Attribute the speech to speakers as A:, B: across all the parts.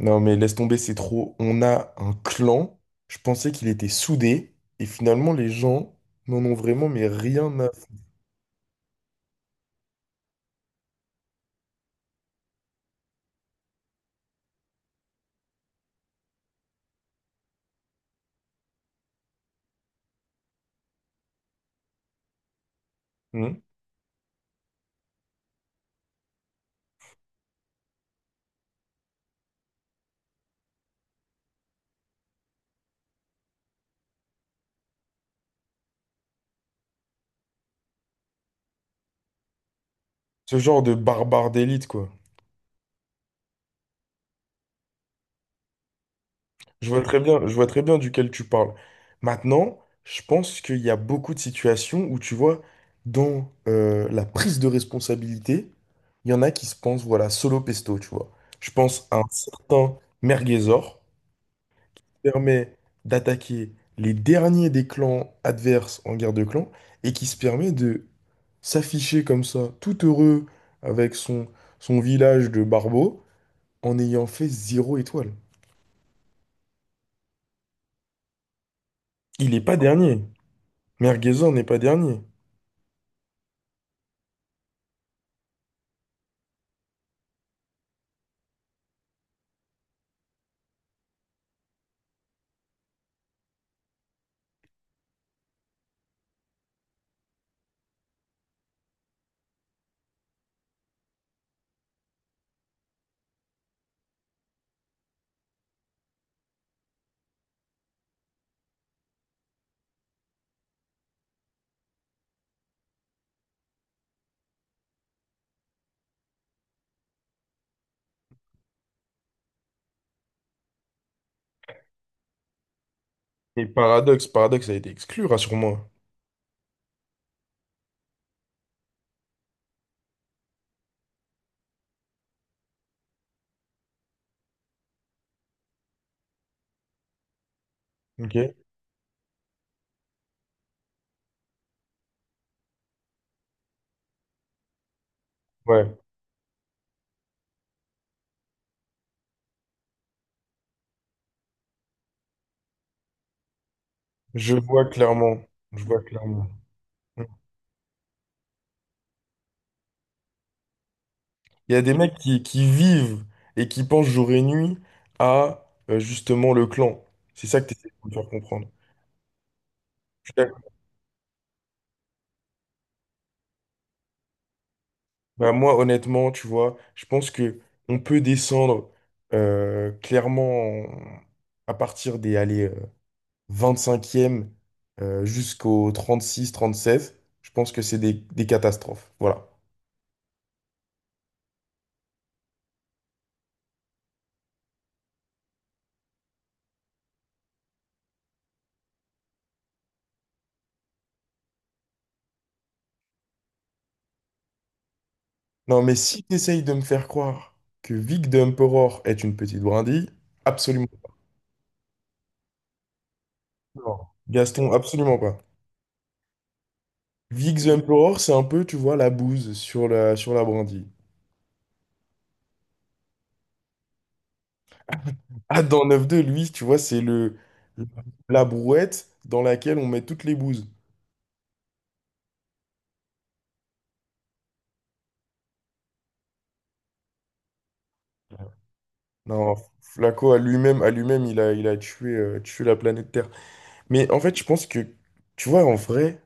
A: Non, mais laisse tomber, c'est trop. On a un clan. Je pensais qu'il était soudé. Et finalement, les gens n'en ont vraiment mais rien à faire. Ce genre de barbare d'élite, quoi. Je vois très bien, je vois très bien duquel tu parles. Maintenant, je pense qu'il y a beaucoup de situations où tu vois, dans la prise de responsabilité, il y en a qui se pensent, voilà, solo pesto, tu vois. Je pense à un certain Merguezor. Permet d'attaquer les derniers des clans adverses en guerre de clans et qui se permet de s'afficher comme ça, tout heureux avec son, son village de barbeaux en ayant fait zéro étoile. Il n'est pas dernier. Merguezor n'est pas dernier. Et Paradoxe, Paradoxe a été exclu, rassure-moi. Ok? Ouais. Je vois clairement. Je vois clairement. Il y a des mecs qui vivent et qui pensent jour et nuit à justement le clan. C'est ça que tu essaies de me faire comprendre. Bah, moi, honnêtement, tu vois, je pense que on peut descendre clairement à partir des allez, 25e jusqu'au 36, 37. Je pense que c'est des catastrophes. Voilà. Non, mais si tu essayes de me faire croire que Vic the Emperor est une petite brindille, absolument pas. Gaston, absolument pas. Vic the Emperor, c'est un peu, tu vois, la bouse sur sur la brindille. Ah, dans 9-2, lui, tu vois, c'est le- la brouette dans laquelle on met toutes les bouses. Non, Flaco à lui-même, il a tué, tué la planète Terre. Mais en fait, je pense que, tu vois, en vrai,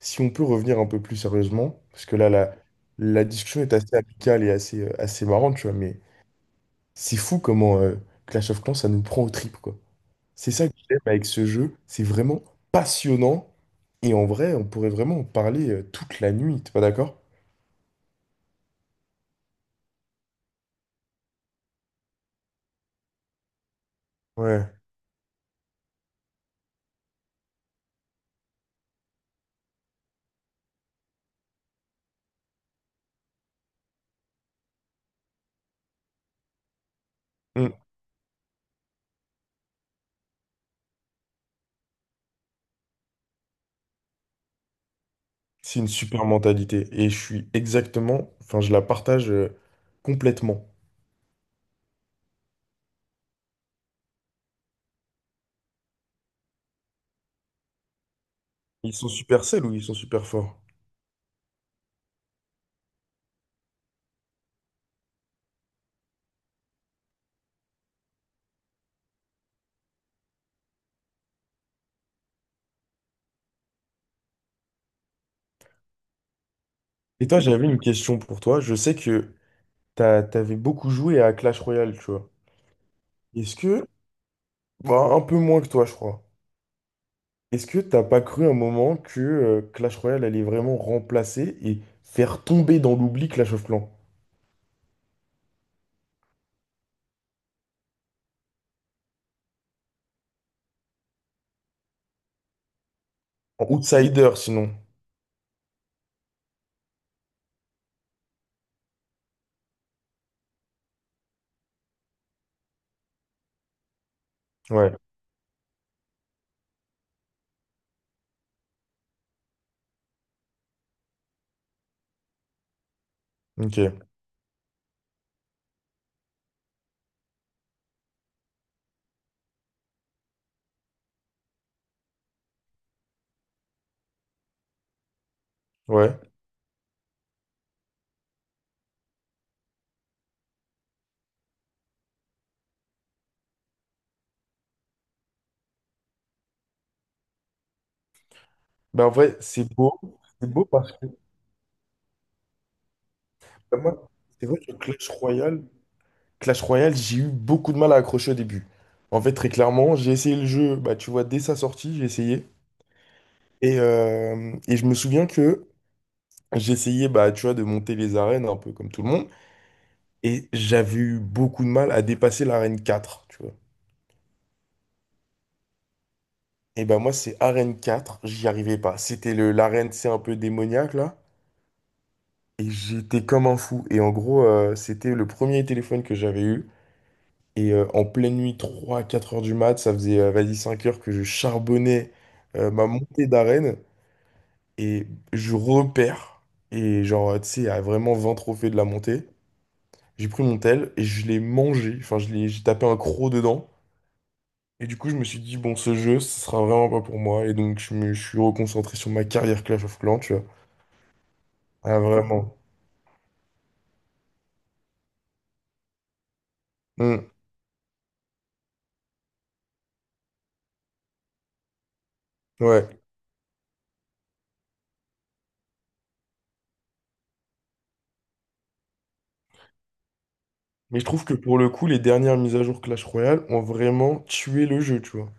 A: si on peut revenir un peu plus sérieusement, parce que là, la discussion est assez amicale et assez, assez marrante, tu vois, mais c'est fou comment Clash of Clans, ça nous prend aux tripes, quoi. C'est ça que j'aime avec ce jeu, c'est vraiment passionnant, et en vrai, on pourrait vraiment en parler toute la nuit, t'es pas d'accord? Ouais. C'est une super mentalité. Et je suis exactement, enfin, je la partage complètement. Ils sont super sales ou ils sont super forts. Et toi, j'avais une question pour toi. Je sais que t'avais beaucoup joué à Clash Royale, tu vois. Est-ce que, bah, un peu moins que toi, je crois. Est-ce que t'as pas cru un moment que Clash Royale allait vraiment remplacer et faire tomber dans l'oubli Clash of Clans? En outsider, sinon. Ouais, ok, ouais. Ben en vrai, c'est beau. C'est beau parce que moi, c'est vrai que Clash Royale. Clash Royale, j'ai eu beaucoup de mal à accrocher au début. En fait, très clairement, j'ai essayé le jeu, bah, tu vois, dès sa sortie, j'ai essayé. Et je me souviens que j'essayais, bah, tu vois, de monter les arènes un peu comme tout le monde. Et j'avais eu beaucoup de mal à dépasser l'arène 4, tu vois. Et bah moi, c'est arène 4, j'y arrivais pas. C'était le l'arène, c'est un peu démoniaque, là. Et j'étais comme un fou. Et en gros, c'était le premier téléphone que j'avais eu. Et en pleine nuit, 3, à 4 heures du mat, ça faisait, vas-y, 5 heures que je charbonnais ma montée d'arène. Et je repère. Et genre, tu sais, à vraiment 20 trophées de la montée. J'ai pris mon tel et je l'ai mangé. Enfin, j'ai tapé un croc dedans. Et du coup, je me suis dit, bon, ce jeu, ce sera vraiment pas pour moi. Et donc, je suis reconcentré sur ma carrière Clash of Clans, tu vois. Ah, vraiment. Hmm, ouais. Mais je trouve que pour le coup, les dernières mises à jour Clash Royale ont vraiment tué le jeu, tu vois.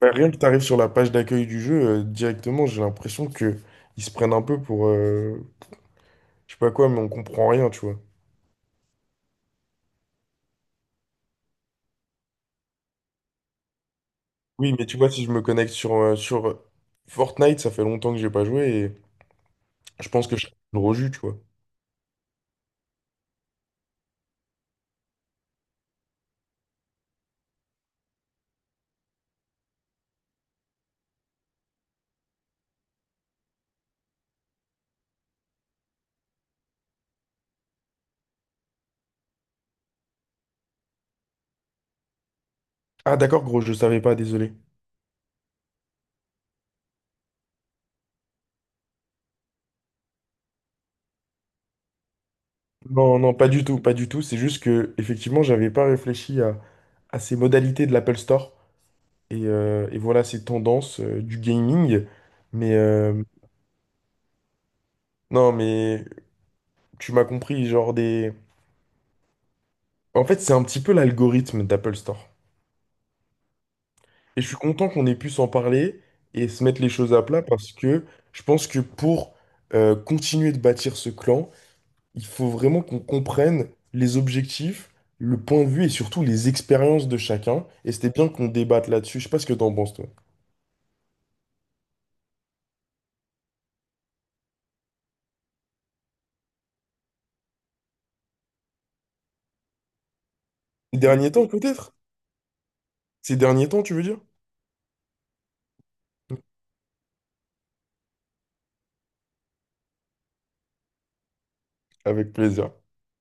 A: Bah, rien que tu arrives sur la page d'accueil du jeu, directement, j'ai l'impression que ils se prennent un peu pour, je sais pas quoi, mais on comprend rien, tu vois. Oui, mais tu vois, si je me connecte sur, sur Fortnite, ça fait longtemps que j'ai pas joué et je pense que je serai gros jus, tu vois. Ah d'accord, gros, je savais pas, désolé. Non, non, pas du tout, pas du tout. C'est juste que, effectivement, j'avais pas réfléchi à ces modalités de l'Apple Store et voilà ces tendances du gaming. Mais non, mais tu m'as compris, genre des. En fait, c'est un petit peu l'algorithme d'Apple Store. Et je suis content qu'on ait pu s'en parler et se mettre les choses à plat parce que je pense que pour continuer de bâtir ce clan, il faut vraiment qu'on comprenne les objectifs, le point de vue et surtout les expériences de chacun. Et c'était bien qu'on débatte là-dessus. Je sais pas ce que t'en penses, toi. Ces derniers temps, peut-être? Ces derniers temps, tu veux dire? Avec plaisir.